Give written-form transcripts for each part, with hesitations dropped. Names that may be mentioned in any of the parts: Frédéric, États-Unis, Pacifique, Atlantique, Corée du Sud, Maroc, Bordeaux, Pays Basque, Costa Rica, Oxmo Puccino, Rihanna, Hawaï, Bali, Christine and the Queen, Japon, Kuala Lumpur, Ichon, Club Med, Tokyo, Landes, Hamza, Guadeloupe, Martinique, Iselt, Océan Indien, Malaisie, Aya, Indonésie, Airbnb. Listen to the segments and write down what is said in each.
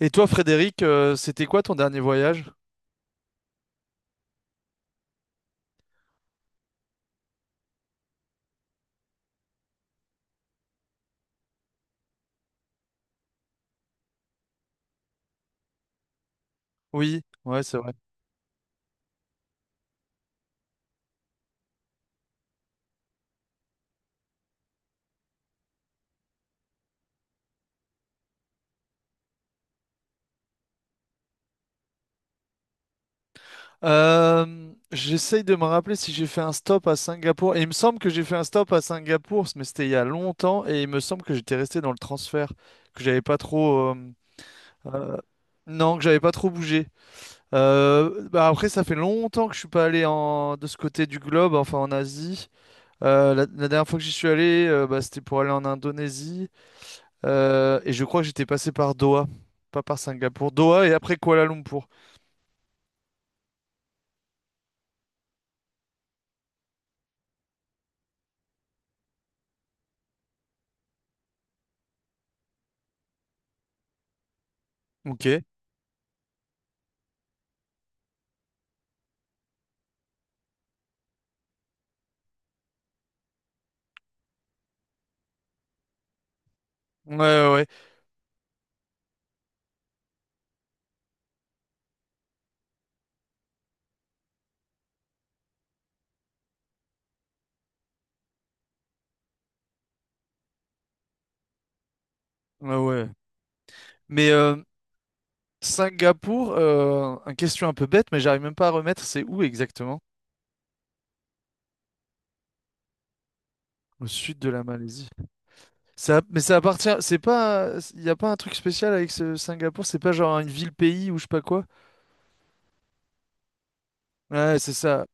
Et toi, Frédéric, c'était quoi ton dernier voyage? Oui, ouais, c'est vrai. J'essaye de me rappeler si j'ai fait un stop à Singapour. Et il me semble que j'ai fait un stop à Singapour, mais c'était il y a longtemps. Et il me semble que j'étais resté dans le transfert, que j'avais pas trop. Euh, non, que j'avais pas trop bougé. Bah après, ça fait longtemps que je suis pas allé de ce côté du globe, enfin en Asie. La dernière fois que j'y suis allé, bah, c'était pour aller en Indonésie. Et je crois que j'étais passé par Doha, pas par Singapour. Doha et après Kuala Lumpur. Ok. Ouais, ouais, ouais. Ouais, ouais. Mais Singapour, une question un peu bête, mais j'arrive même pas à remettre, c'est où exactement? Au sud de la Malaisie. Ça, mais ça appartient, c'est pas, il n'y a pas un truc spécial avec ce Singapour, c'est pas genre une ville-pays ou je sais pas quoi. Ouais, c'est ça.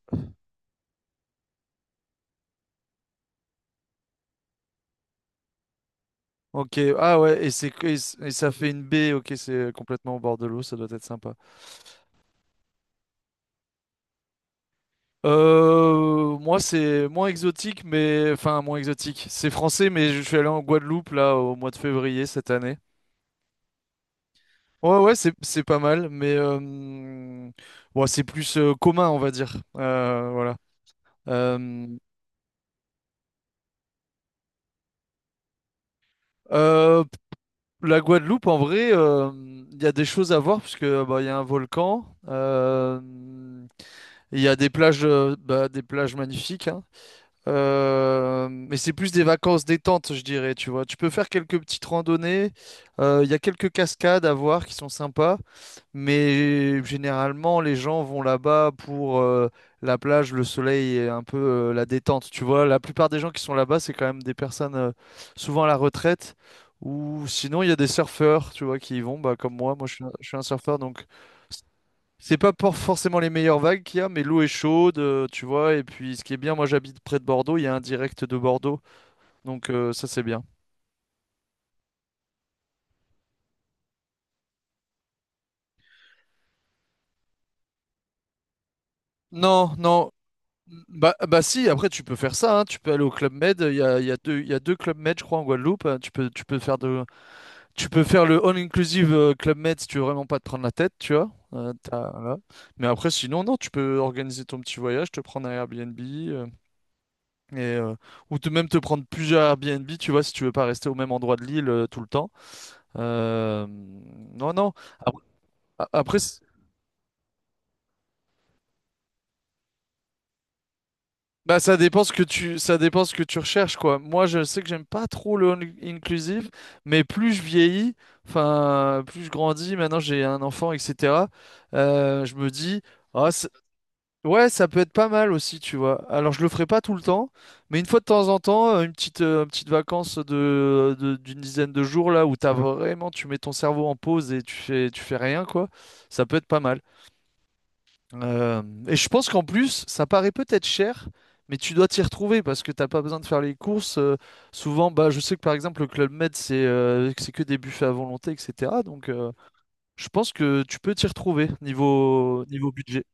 Ok, ah ouais, et ça fait une baie, ok, c'est complètement au bord de l'eau, ça doit être sympa. Moi, c'est moins exotique, mais enfin moins exotique. C'est français, mais je suis allé en Guadeloupe là au mois de février cette année. Ouais, ouais, c'est pas mal, mais bon, c'est plus commun, on va dire. Voilà. Euh, euh, la Guadeloupe, en vrai, il y a des choses à voir parce que bah, il y a un volcan. Il y a des plages, bah, des plages magnifiques, hein. Mais c'est plus des vacances détente, je dirais, tu vois. Tu peux faire quelques petites randonnées. Il y a quelques cascades à voir qui sont sympas. Mais généralement, les gens vont là-bas pour la plage, le soleil et un peu la détente. Tu vois, la plupart des gens qui sont là-bas, c'est quand même des personnes souvent à la retraite. Ou sinon, il y a des surfeurs, tu vois, qui y vont, bah, comme moi. Moi, je suis un surfeur, donc c'est pas pour forcément les meilleures vagues qu'il y a, mais l'eau est chaude, tu vois. Et puis, ce qui est bien, moi j'habite près de Bordeaux, il y a un direct de Bordeaux, donc ça c'est bien. Non, non, bah si, après tu peux faire ça, hein. Tu peux aller au Club Med, il y a deux, il y a deux Club Med, je crois, en Guadeloupe, hein. Tu peux faire le all-inclusive Club Med si tu veux vraiment pas te prendre la tête, tu vois. Voilà. Mais après, sinon, non, tu peux organiser ton petit voyage, te prendre un Airbnb, et, euh, même te prendre plusieurs Airbnb, tu vois, si tu veux pas rester au même endroit de l'île tout le temps. Non, non. Ap- Après, bah, ça dépend ce que tu, ça dépend ce que tu recherches, quoi. Moi, je sais que j'aime pas trop le all inclusive, mais plus je vieillis, enfin, plus je grandis, maintenant j'ai un enfant, etc. Je me dis, ah, ouais, ça peut être pas mal aussi, tu vois. Alors, je le ferai pas tout le temps, mais une fois de temps en temps, une petite vacance d'une dizaine de jours là où t'as vraiment, tu mets ton cerveau en pause et tu fais rien, quoi. Ça peut être pas mal. Euh, et je pense qu'en plus, ça paraît peut-être cher, mais tu dois t'y retrouver parce que t'as pas besoin de faire les courses. Souvent, bah, je sais que par exemple, le Club Med, c'est que des buffets à volonté, etc. Donc, je pense que tu peux t'y retrouver niveau budget.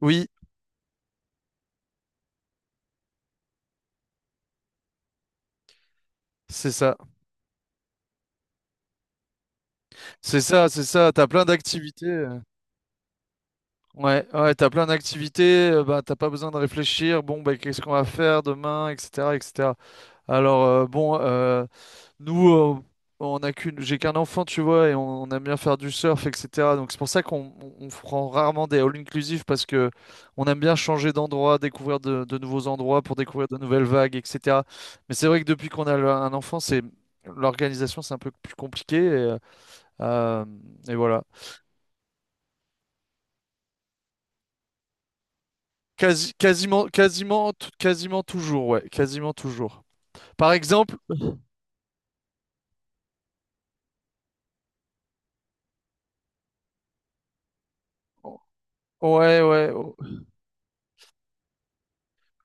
Oui, c'est ça. C'est ça, c'est ça. T'as plein d'activités. Ouais, ouais, t'as plein d'activités, bah, t'as pas besoin de réfléchir, bon, bah, qu'est-ce qu'on va faire demain, etc., etc. Alors, bon, nous, on a qu'une, j'ai qu'un enfant, tu vois, et on aime bien faire du surf, etc. Donc, c'est pour ça qu'on on prend rarement des all-inclusive parce que on aime bien changer d'endroit, découvrir de nouveaux endroits pour découvrir de nouvelles vagues, etc. Mais c'est vrai que depuis qu'on a un enfant, l'organisation, c'est un peu plus compliqué, euh, et voilà. Quasiment toujours, ouais, quasiment toujours. Par exemple, ouais, ouais,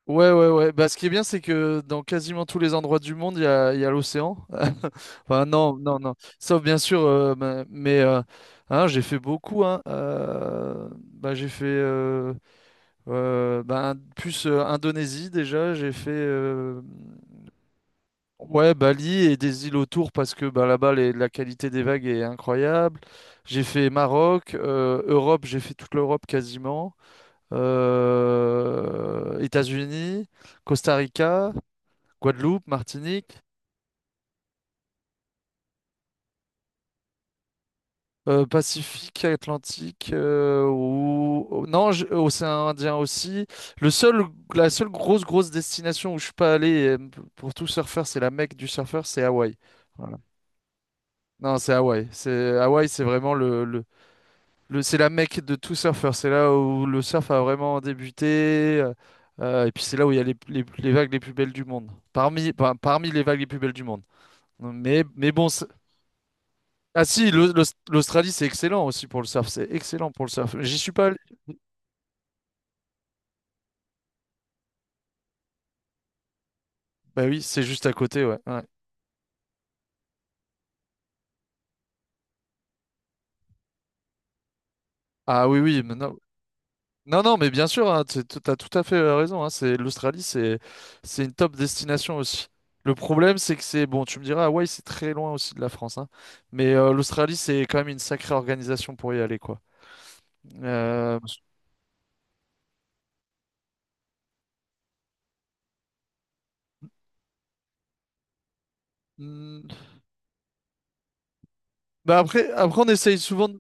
ouais, ouais, ouais. Bah, ce qui est bien, c'est que dans quasiment tous les endroits du monde, il y a l'océan. Enfin, non, non, non. Sauf bien sûr, mais hein, j'ai fait beaucoup, hein. Bah, j'ai fait bah, plus Indonésie déjà. J'ai fait. Ouais, Bali et des îles autour parce que bah, là-bas, la qualité des vagues est incroyable. J'ai fait Maroc, Europe, j'ai fait toute l'Europe quasiment. États-Unis, Costa Rica, Guadeloupe, Martinique, Pacifique, Atlantique, non, Océan Indien aussi. Le seul, la seule grosse, grosse destination où je suis pas allé pour tout surfeur, c'est la Mecque du surfeur, c'est Hawaï. Voilà. Non, c'est Hawaï. C'est Hawaï, c'est vraiment c'est la mecque de tout surfeur, c'est là où le surf a vraiment débuté, euh, et puis c'est là où il y a les vagues les plus belles du monde, parmi les vagues les plus belles du monde. Mais bon, ah si, l'Australie c'est excellent aussi pour le surf, c'est excellent pour le surf. J'y suis pas allé. Bah oui, c'est juste à côté, ouais, ouais. Ah oui, oui, maintenant, non, non, mais bien sûr, hein, tu as tout à fait raison, hein. C'est l'Australie, c'est une top destination aussi. Le problème, c'est que c'est bon. Tu me diras, Hawaï, c'est très loin aussi de la France, hein, mais l'Australie, c'est quand même une sacrée organisation pour y aller, quoi. Euh, Bah après on essaye souvent de...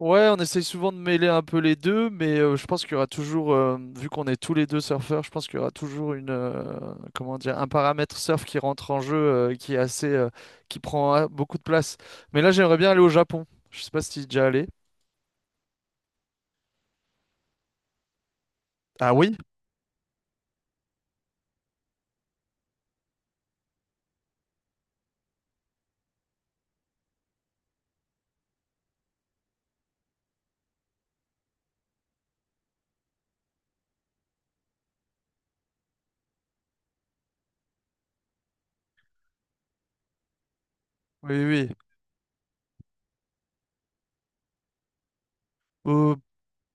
Ouais, on essaye souvent de mêler un peu les deux, mais je pense qu'il y aura toujours, vu qu'on est tous les deux surfeurs, je pense qu'il y aura toujours comment dire, un paramètre surf qui rentre en jeu, qui est assez, qui prend beaucoup de place. Mais là, j'aimerais bien aller au Japon. Je sais pas si tu es déjà allé. Ah oui? Oui, oui, Euh,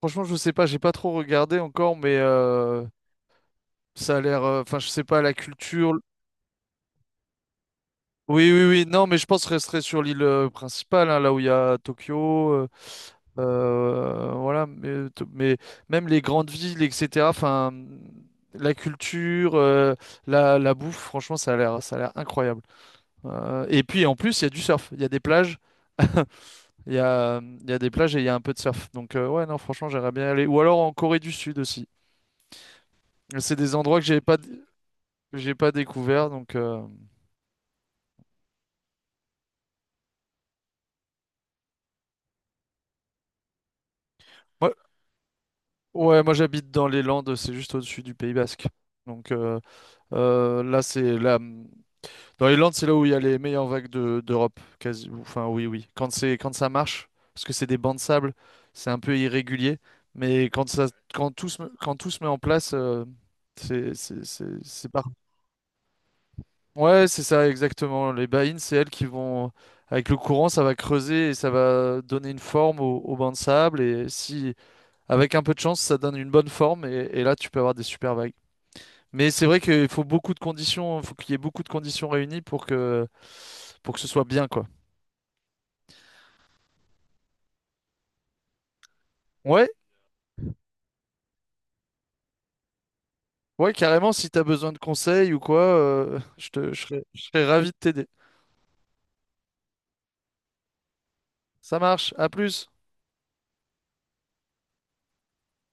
Franchement, je sais pas, j'ai pas trop regardé encore, mais ça a l'air, enfin, je sais pas, la culture, oui, oui, oui. Non, mais je pense resterait sur l'île principale, hein, là où il y a Tokyo. Voilà. Mais même les grandes villes, etc. Enfin, la culture, la bouffe, franchement, ça a l'air incroyable. Et puis, en plus, il y a du surf. Il y a des plages. Il y a des plages et il y a un peu de surf. Donc, ouais, non, franchement, j'aimerais bien y aller. Ou alors en Corée du Sud aussi. C'est des endroits que j'ai pas découvert. Donc, ouais, moi j'habite dans les Landes, c'est juste au-dessus du Pays Basque. Donc là, c'est là, dans les Landes, c'est là où il y a les meilleures vagues d'Europe, quasi. Enfin, oui, oui. Quand ça marche, parce que c'est des bancs de sable, c'est un peu irrégulier, mais quand tout se met en place, c'est par. Ouais, c'est ça exactement. Les bahines, c'est elles qui vont avec le courant, ça va creuser et ça va donner une forme aux bancs de sable. Et si avec un peu de chance, ça donne une bonne forme et là, tu peux avoir des super vagues. Mais c'est vrai qu'il faut beaucoup de conditions, faut qu'il y ait beaucoup de conditions réunies pour que ce soit bien, quoi. Ouais, ouais, carrément, si t'as besoin de conseils ou quoi, je serais ravi de t'aider. Ça marche, à plus.